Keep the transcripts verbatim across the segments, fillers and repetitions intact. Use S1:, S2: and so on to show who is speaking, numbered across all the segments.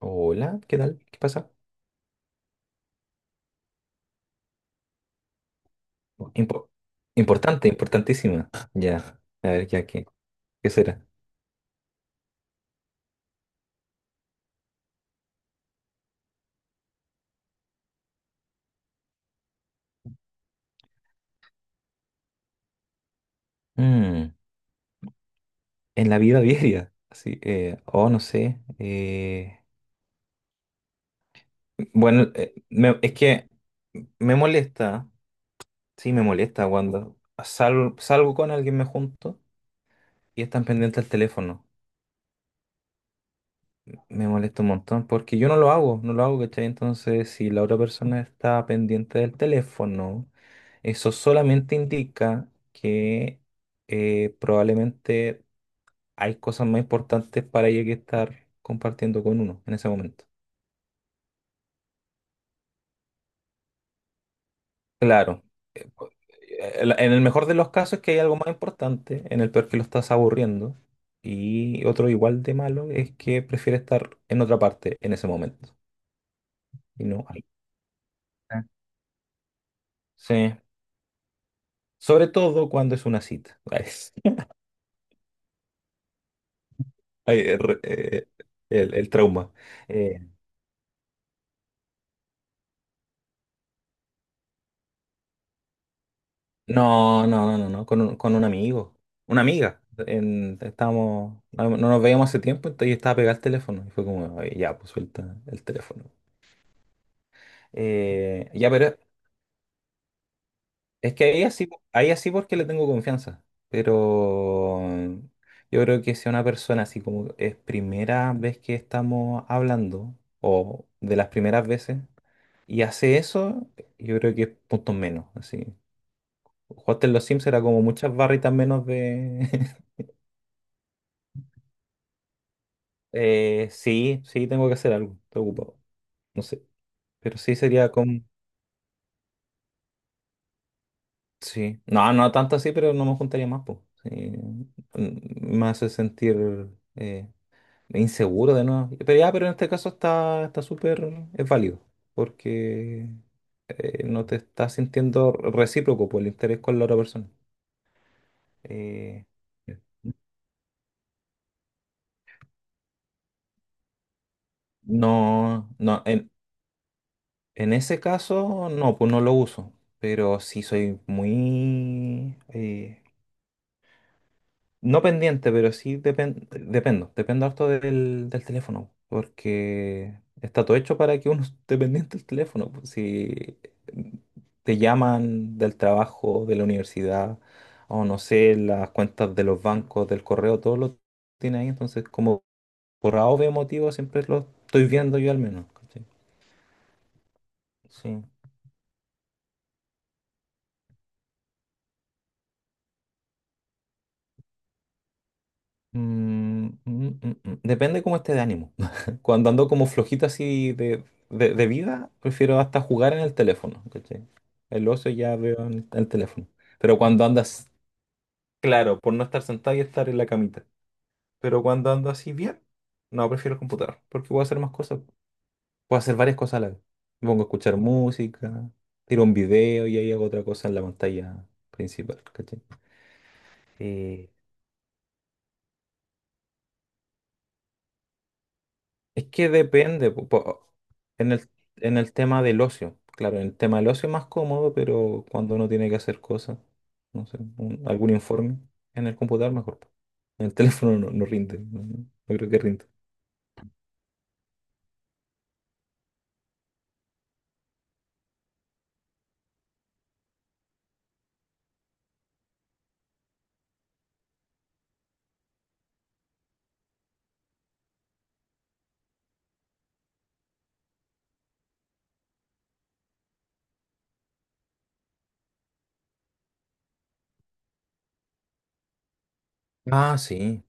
S1: Hola, ¿qué tal? ¿Qué pasa? Impo- importante, importantísima. Ya, a ver, ya, ¿qué, qué será? Mm, en la vida diaria, así, eh, oh, no sé. eh, bueno, eh, me- es que me molesta, sí, me molesta cuando sal- salgo con alguien, me junto y están pendientes al teléfono. Me molesta un montón porque yo no lo hago, no lo hago, ¿cachai? Entonces, si la otra persona está pendiente del teléfono, eso solamente indica que eh, probablemente hay cosas más importantes para ella que estar compartiendo con uno en ese momento. Claro, el- en el mejor de los casos es que hay algo más importante, en el peor que lo estás aburriendo, y otro igual de malo es que prefiere estar en otra parte en ese momento y no ahí. Ah. Sí. Sobre todo cuando es una cita. Ay, es- ay, eh, re- eh, el, el trauma. Eh, no, no, no, no, no, con un, con un amigo, una amiga. En, estábamos, no, no nos veíamos hace tiempo entonces y estaba pegado al teléfono. Y fue como, "Ay, ya, pues suelta el teléfono." Eh, ya, pero es que ahí así, ahí así porque le tengo confianza. Pero mm, yo creo que si una persona así como es primera vez que estamos hablando, o de las primeras veces, y hace eso, yo creo que es puntos menos, así. Jugaste en los Sims era como muchas barritas menos de... Eh, sí, sí, tengo que hacer algo, estoy ocupado, no sé, pero sí sería con... Sí, no, no tanto así, pero no me juntaría más, pues. Me hace sentir eh, inseguro de nuevo. Pero ya, pero en este caso está está súper, es válido, porque eh, no te estás sintiendo recíproco por el interés con la otra persona. Eh, no, no, en, En ese caso, no, pues no lo uso, pero sí soy muy... eh, no pendiente, pero sí depen- dependo, dependo harto del, del teléfono, porque está todo hecho para que uno esté pendiente del teléfono, pues. Si te llaman del trabajo, de la universidad, o no sé, las cuentas de los bancos, del correo, todo lo tiene ahí, entonces como por A o B motivo siempre lo estoy viendo yo al menos. ¿Cachai? Sí. Mm, mm, mm, mm. Depende cómo esté de ánimo. Cuando ando como flojito así de, de- de vida, prefiero hasta jugar en el teléfono, ¿cachai? El oso ya veo en el teléfono. Pero cuando andas, claro, por no estar sentado y estar en la camita. Pero cuando ando así bien, no, prefiero el computador, porque puedo hacer más cosas. Puedo hacer varias cosas a la vez. Me pongo a escuchar música, tiro un video y ahí hago otra cosa en la pantalla principal, ¿cachai? Eh, Es que depende, po- po- en el, en el tema del ocio. Claro, en el tema del ocio es más cómodo, pero cuando uno tiene que hacer cosas, no sé, un- algún informe en el computador mejor, po. En el teléfono no, no rinde, no, no no creo que rinda. Ah, sí.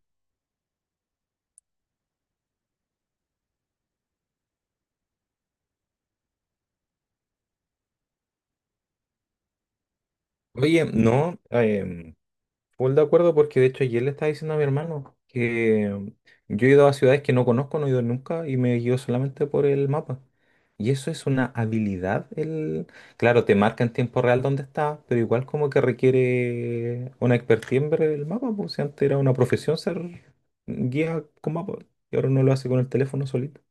S1: Oye, no, full de acuerdo porque de hecho ayer le estaba diciendo a mi hermano que mm, yo he ido a ciudades que no conozco, no he ido nunca y me guío solamente por el mapa. Y eso es una habilidad. El... Claro, te marca en tiempo real dónde estás, pero igual como que requiere una expertise en ver el mapa, pues si antes era una profesión ser guía con mapa y ahora uno lo hace con el teléfono solito.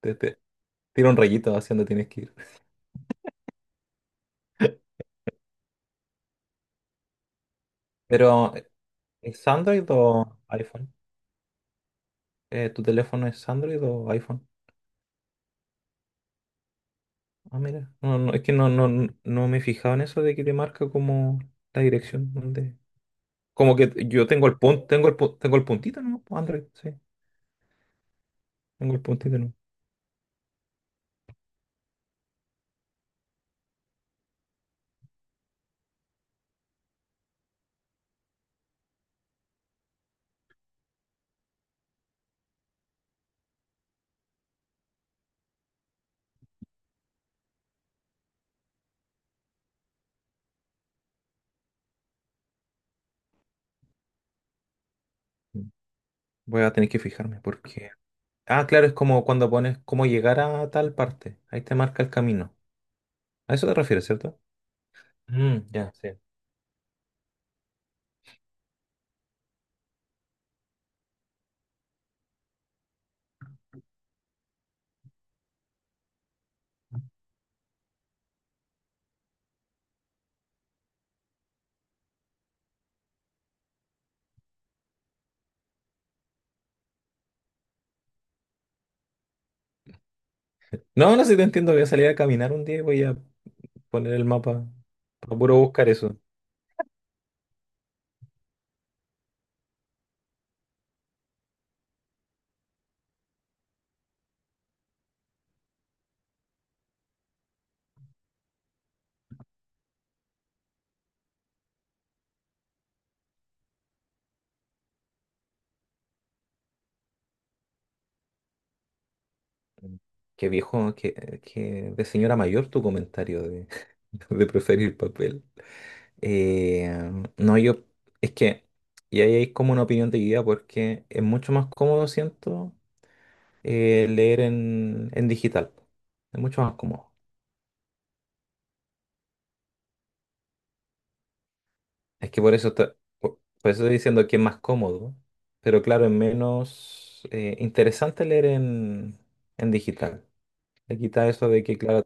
S1: Te, te tira un rayito hacia dónde tienes que ir. Pero, eh, ¿es Android o iPhone? Eh, ¿tu teléfono es Android o iPhone? Ah, mira. No, no, es que no, no, no no me he fijado en eso de que te marca como la dirección donde. Como que yo tengo el punto, tengo el pu- tengo el puntito, ¿no? Android, sí. Tengo el puntito, ¿no? Mm. Voy a tener que fijarme porque. Ah, claro, es como cuando pones cómo llegar a tal parte. Ahí te marca el camino. A eso te refieres, ¿cierto? Mm, ya, sí. No, no sé si te entiendo. Voy a salir a caminar un día y voy a poner el mapa. Procuro buscar eso. Mm. Qué viejo, qué, qué de señora mayor tu comentario de, de preferir papel. Eh, no, yo, es que, y ahí hay como una opinión dividida porque es mucho más cómodo, siento, eh, leer en, en, digital. Es mucho más cómodo. Es que por eso, está- por, por eso estoy diciendo que es más cómodo, pero claro, es menos eh, interesante leer en, en digital. Le quita eso de que, claro,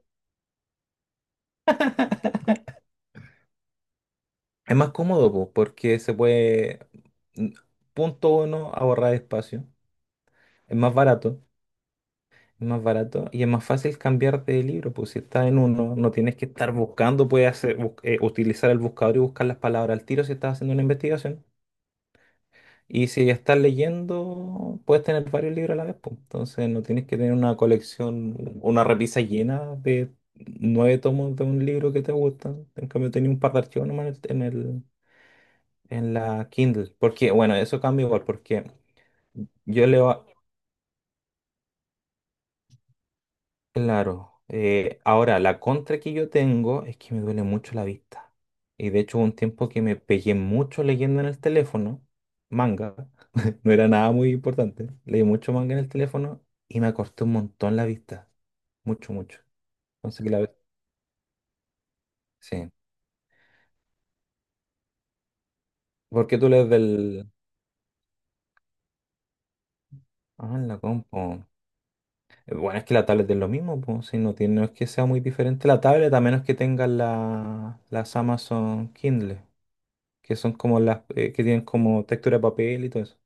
S1: es más cómodo, po, porque se puede, mm, punto uno, ahorrar espacio. Es más barato. Es más barato y es más fácil cambiar de libro, pues si estás en uno, no tienes que estar buscando, puedes hacer, bus- eh, utilizar el buscador y buscar las palabras al tiro si estás haciendo una investigación. Y si ya estás leyendo, puedes tener varios libros a la vez, pues. Entonces no tienes que tener una colección, una repisa llena de nueve tomos de un libro que te gusta. En cambio, tenía un par de archivos nomás en el, en el- en la Kindle. Porque, bueno, eso cambia igual, porque yo leo. Claro. Eh, ahora, la contra que yo tengo es que me duele mucho la vista. Y de hecho, hubo un tiempo que me pegué mucho leyendo en el teléfono, manga, no era nada muy importante. Leí mucho manga en el teléfono y me acorté un montón la vista. Mucho, mucho. Entonces, que la ve- sí. ¿Por qué tú lees del? Ah, en la compu. Eh, Bueno, es que la tablet es lo mismo, pues, si no tiene, no es que sea muy diferente la tablet, a menos que tengas la, las Amazon Kindle, que son como las eh, que tienen como textura de papel y todo eso.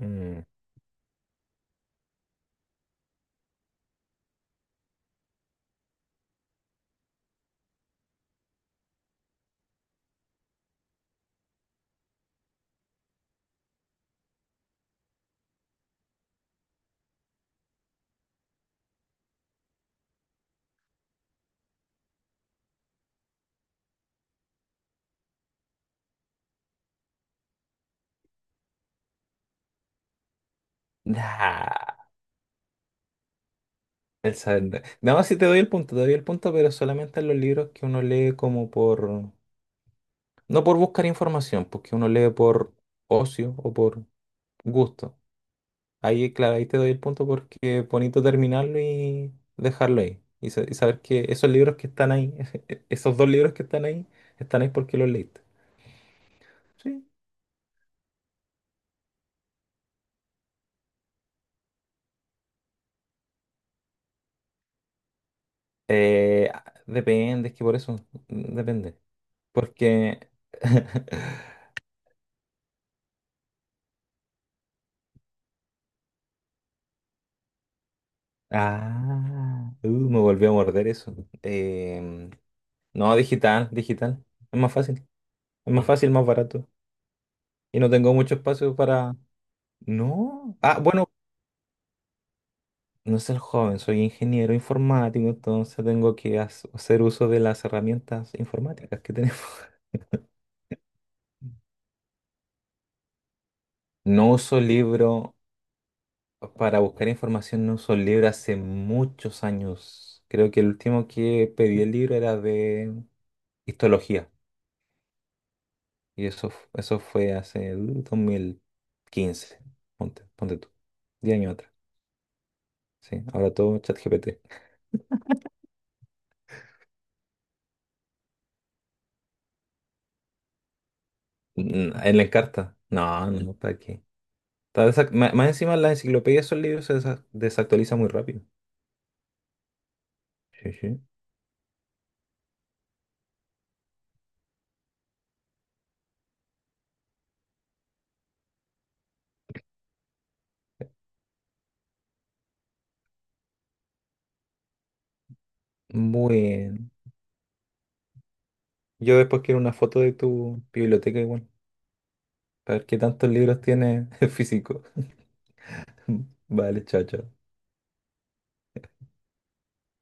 S1: Mm, nah, el saber- No, sí te doy el punto, te doy el punto, pero solamente en los libros que uno lee como por... No por buscar información, porque uno lee por ocio o por gusto. Ahí, claro, ahí te doy el punto porque es bonito terminarlo y dejarlo ahí. Y, sa- y saber que esos libros que están ahí, esos dos libros que están ahí, están ahí porque los leíste. Sí. Eh, depende, es que por eso, mm, depende. Porque Ah, uh, me volvió a morder eso. Em, no, digital, digital. Es más fácil. Es más fácil, más barato. Y no tengo mucho espacio para... No. Ah, bueno, no soy joven, soy ingeniero informático, entonces tengo que has- hacer uso de las herramientas informáticas que tenemos. No uso libro para buscar información, no uso libro hace muchos años. Creo que el último que pedí el libro era de histología. Y eso, f- eso fue hace uh, dos mil quince, ponte, ponte tú, diez años atrás. Sí, ahora todo ChatGPT. Mm, ¿En la Encarta? No, no, no, ¿para qué? Está desac- ma- Más encima las enciclopedias, esos libros se desa- desactualizan muy rápido. Sí, sí. Bueno, yo después quiero una foto de tu biblioteca igual, para ver qué tantos libros tienes físicos. Vale, chao, chao.